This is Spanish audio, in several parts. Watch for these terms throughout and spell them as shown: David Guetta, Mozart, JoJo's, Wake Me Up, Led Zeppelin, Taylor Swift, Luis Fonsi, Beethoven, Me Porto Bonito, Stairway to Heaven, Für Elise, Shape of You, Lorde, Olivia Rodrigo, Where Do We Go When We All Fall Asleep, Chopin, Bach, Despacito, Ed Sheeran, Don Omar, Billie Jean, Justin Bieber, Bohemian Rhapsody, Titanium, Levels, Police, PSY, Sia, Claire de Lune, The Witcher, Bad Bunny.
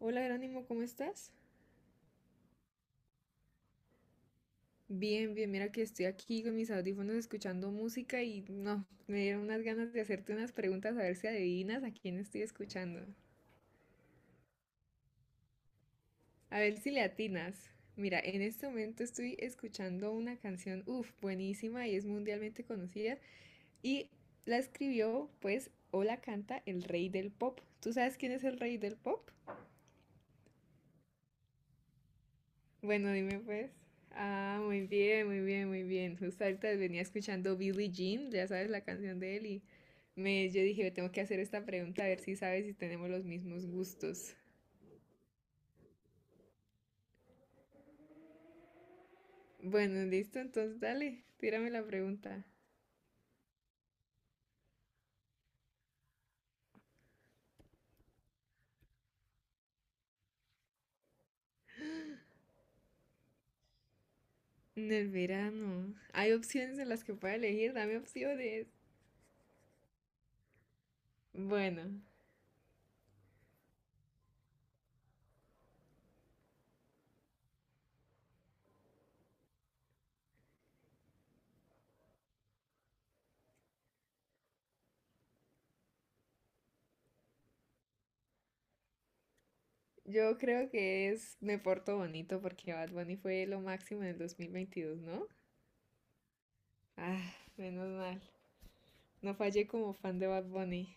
Hola Jerónimo, ¿cómo estás? Bien, bien, mira que estoy aquí con mis audífonos escuchando música y no, me dieron unas ganas de hacerte unas preguntas a ver si adivinas a quién estoy escuchando. A ver si le atinas. Mira, en este momento estoy escuchando una canción, uff, buenísima y es mundialmente conocida y la escribió, pues, o la canta el rey del pop. ¿Tú sabes quién es el rey del pop? Bueno, dime pues. Ah, muy bien, muy bien, muy bien. Justo ahorita venía escuchando Billie Jean, ya sabes la canción de él, y yo dije, tengo que hacer esta pregunta a ver si sabes si tenemos los mismos gustos. Bueno, listo, entonces dale, tírame la pregunta. En el verano, hay opciones en las que pueda elegir, dame opciones. Bueno, yo creo que es Me Porto Bonito porque Bad Bunny fue lo máximo en el 2022, ¿no? Ah, menos mal. No fallé como fan de Bad Bunny.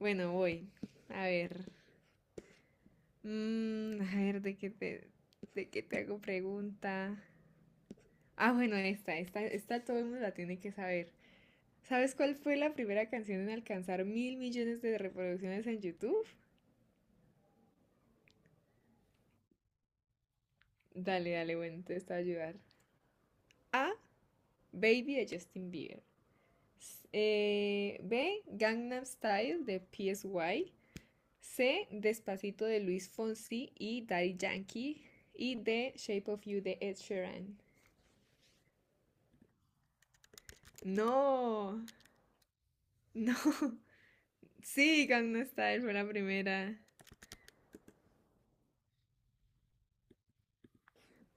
Bueno, voy. A ver. A ver, ¿ de qué te hago pregunta? Ah, bueno, esta todo el mundo la tiene que saber. ¿Sabes cuál fue la primera canción en alcanzar mil millones de reproducciones en YouTube? Dale, dale, bueno, entonces te está a ayudar. A. Baby de Justin Bieber. B. Gangnam Style de PSY. C. Despacito de Luis Fonsi y Daddy Yankee. Y D. Shape of You de Ed Sheeran. No, no. Sí, Gangnam Style fue la primera.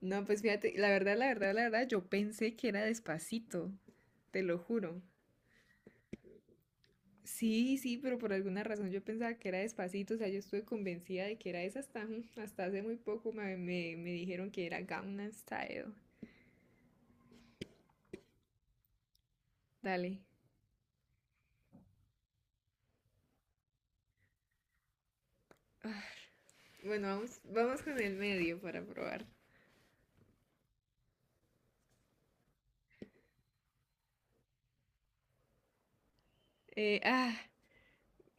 No, pues fíjate, la verdad, la verdad, la verdad, yo pensé que era Despacito, te lo juro. Sí, sí, pero por alguna razón yo pensaba que era Despacito, o sea, yo estuve convencida de que era esa hasta hace muy poco me dijeron que era Gangnam Style. Dale. Bueno, vamos, vamos con el medio para probar. Eh, ah,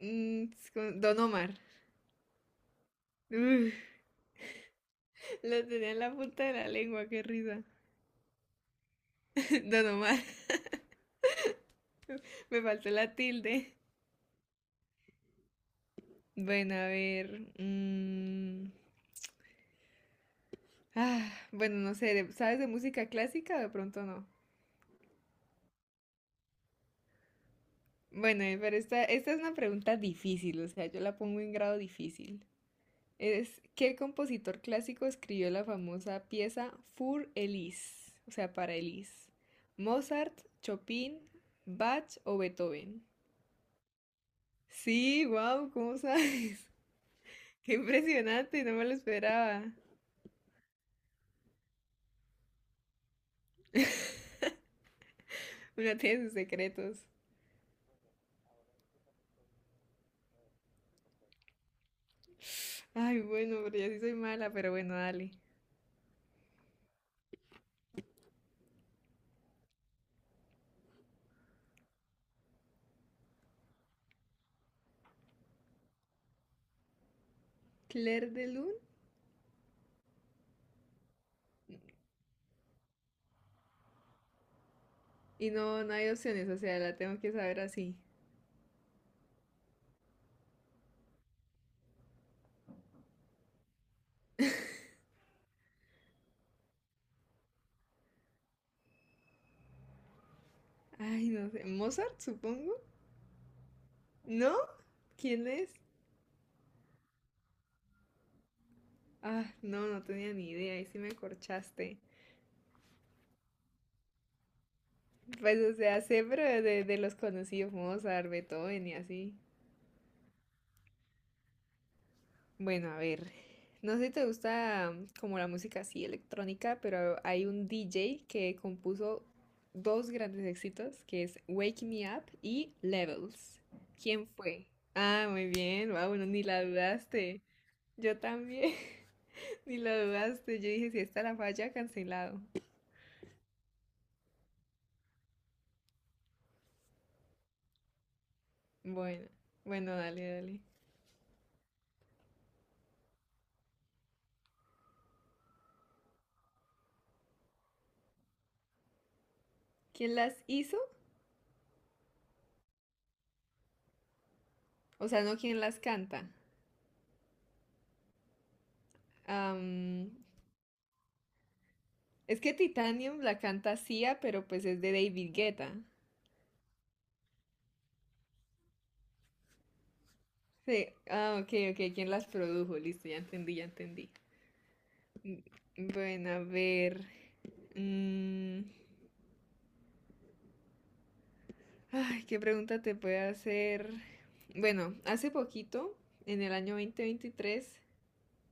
mm, con Don Omar. Uf, lo tenía en la punta de la lengua, qué risa. Don Omar. Me faltó la tilde. Bueno, a ver. Bueno, no sé, ¿sabes de música clásica? De pronto no. Bueno, pero esta es una pregunta difícil, o sea, yo la pongo en grado difícil. ¿Qué compositor clásico escribió la famosa pieza Für Elise? O sea, para Elise. ¿Mozart, Chopin, Bach o Beethoven? Sí, wow, ¿cómo sabes? Qué impresionante, no me lo esperaba. Una tiene sus secretos. Ay, bueno, pero yo sí soy mala, pero bueno, dale. Claire de Lune. Y no, no hay opciones, o sea, la tengo que saber así. Ay, no sé. ¿Mozart, supongo? ¿No? ¿Quién es? Ah, no, no tenía ni idea, ahí sí me corchaste. Pues, o sea, sé, pero de los conocidos, Mozart, Beethoven y así. Bueno, a ver, no sé si te gusta como la música así electrónica, pero hay un DJ que compuso dos grandes éxitos, que es Wake Me Up y Levels. ¿Quién fue? Ah, muy bien, wow, no, ni la dudaste. Yo también, ni la dudaste. Yo dije, si está la falla, cancelado. Bueno, bueno, dale, dale. ¿Quién las hizo? O sea, no quién las canta. Am, es que Titanium la canta Sia, pero pues es de David Guetta. Sí, ok, ok, ¿quién las produjo? Listo, ya entendí, ya entendí. Mm, Bueno, a ver. mm, ay, ¿qué pregunta te puede hacer? Bueno, hace poquito, en el año 2023,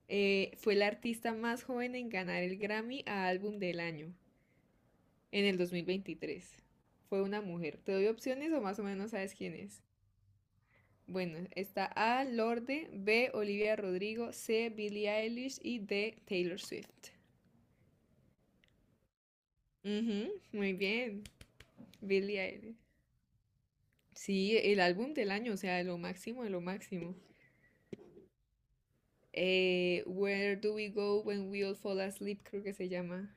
fue la artista más joven en ganar el Grammy a Álbum del Año, en el 2023. Fue una mujer. ¿Te doy opciones o más o menos sabes quién es? Bueno, está A, Lorde, B, Olivia Rodrigo, C, Billie Eilish y D, Taylor Swift. Ujú, muy bien, Billie Eilish. Sí, el álbum del año, o sea, de lo máximo, de lo máximo. Where Do We Go When We All Fall Asleep, creo que se llama.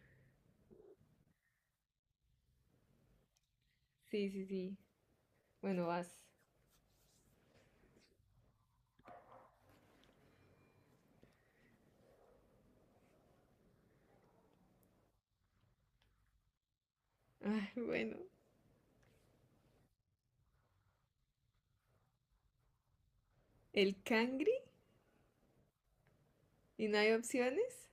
Sí, sí, sí. Bueno, vas. Ay, bueno. El cangri, y no hay opciones.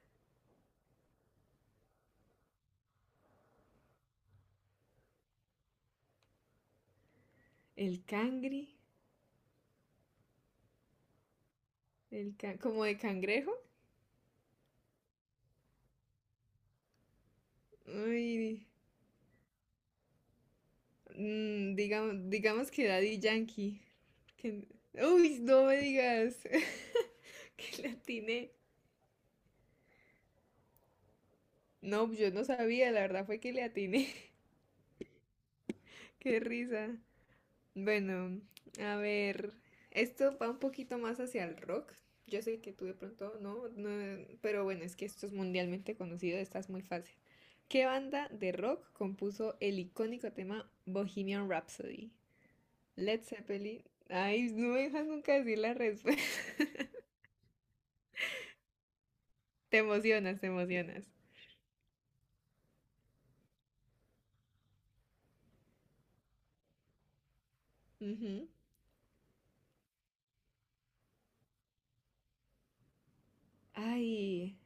El cangri, como de cangrejo. Uy, digamos, digamos que Daddy Yankee. que- uy, no me digas que la atiné. No, pues, yo no sabía, la verdad fue que le atiné. Qué risa. Bueno, a ver, esto va un poquito más hacia el rock. Yo sé que tú de pronto no, no, pero bueno, es que esto es mundialmente conocido, esta es muy fácil. ¿Qué banda de rock compuso el icónico tema Bohemian Rhapsody? Led Zeppelin. Ay, no me dejas nunca decir la respuesta. Te emocionas, te emocionas. Ujú. Ay,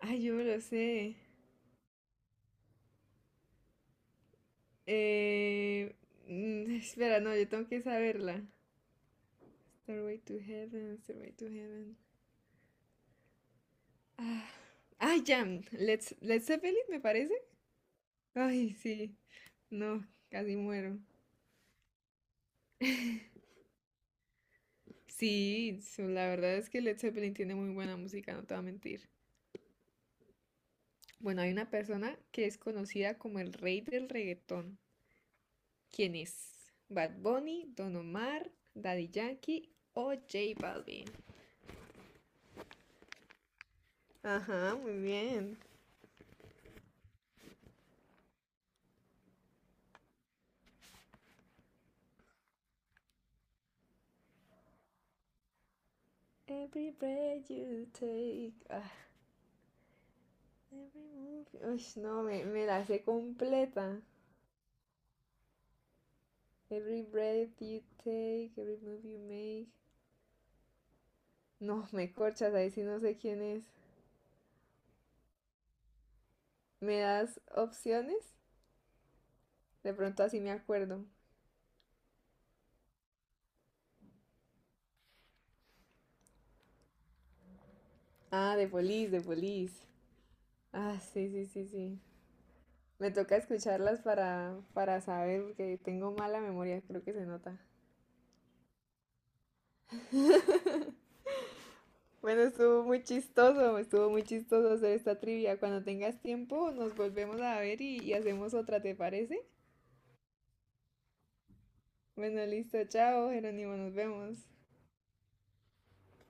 ay, yo me lo sé. Eh, espera, no, yo tengo que saberla. Stairway to Heaven, Stairway to Heaven. Ah, ah, ya. Let's Zeppelin, me parece. Ay, sí. No, casi muero. Sí, la verdad es que Led Zeppelin tiene muy buena música, no te voy a mentir. Bueno, hay una persona que es conocida como el rey del reggaetón. ¿Quién es? Bad Bunny, Don Omar, Daddy Yankee o J Balvin. Ajá, muy bien. Every breath you take. Every move. Uy, no, me la sé completa. Every breath you take, every move you make. No, me corchas, ahí sí no sé quién es. ¿Me das opciones? De pronto así me acuerdo. Ah, de Police, de Police. Ah, sí, sí, sí, sí. Me toca escucharlas para saber, porque tengo mala memoria, creo que se nota. Bueno, estuvo muy chistoso hacer esta trivia. Cuando tengas tiempo, nos volvemos a ver y hacemos otra, ¿te parece? Bueno, listo, chao, Jerónimo, nos vemos.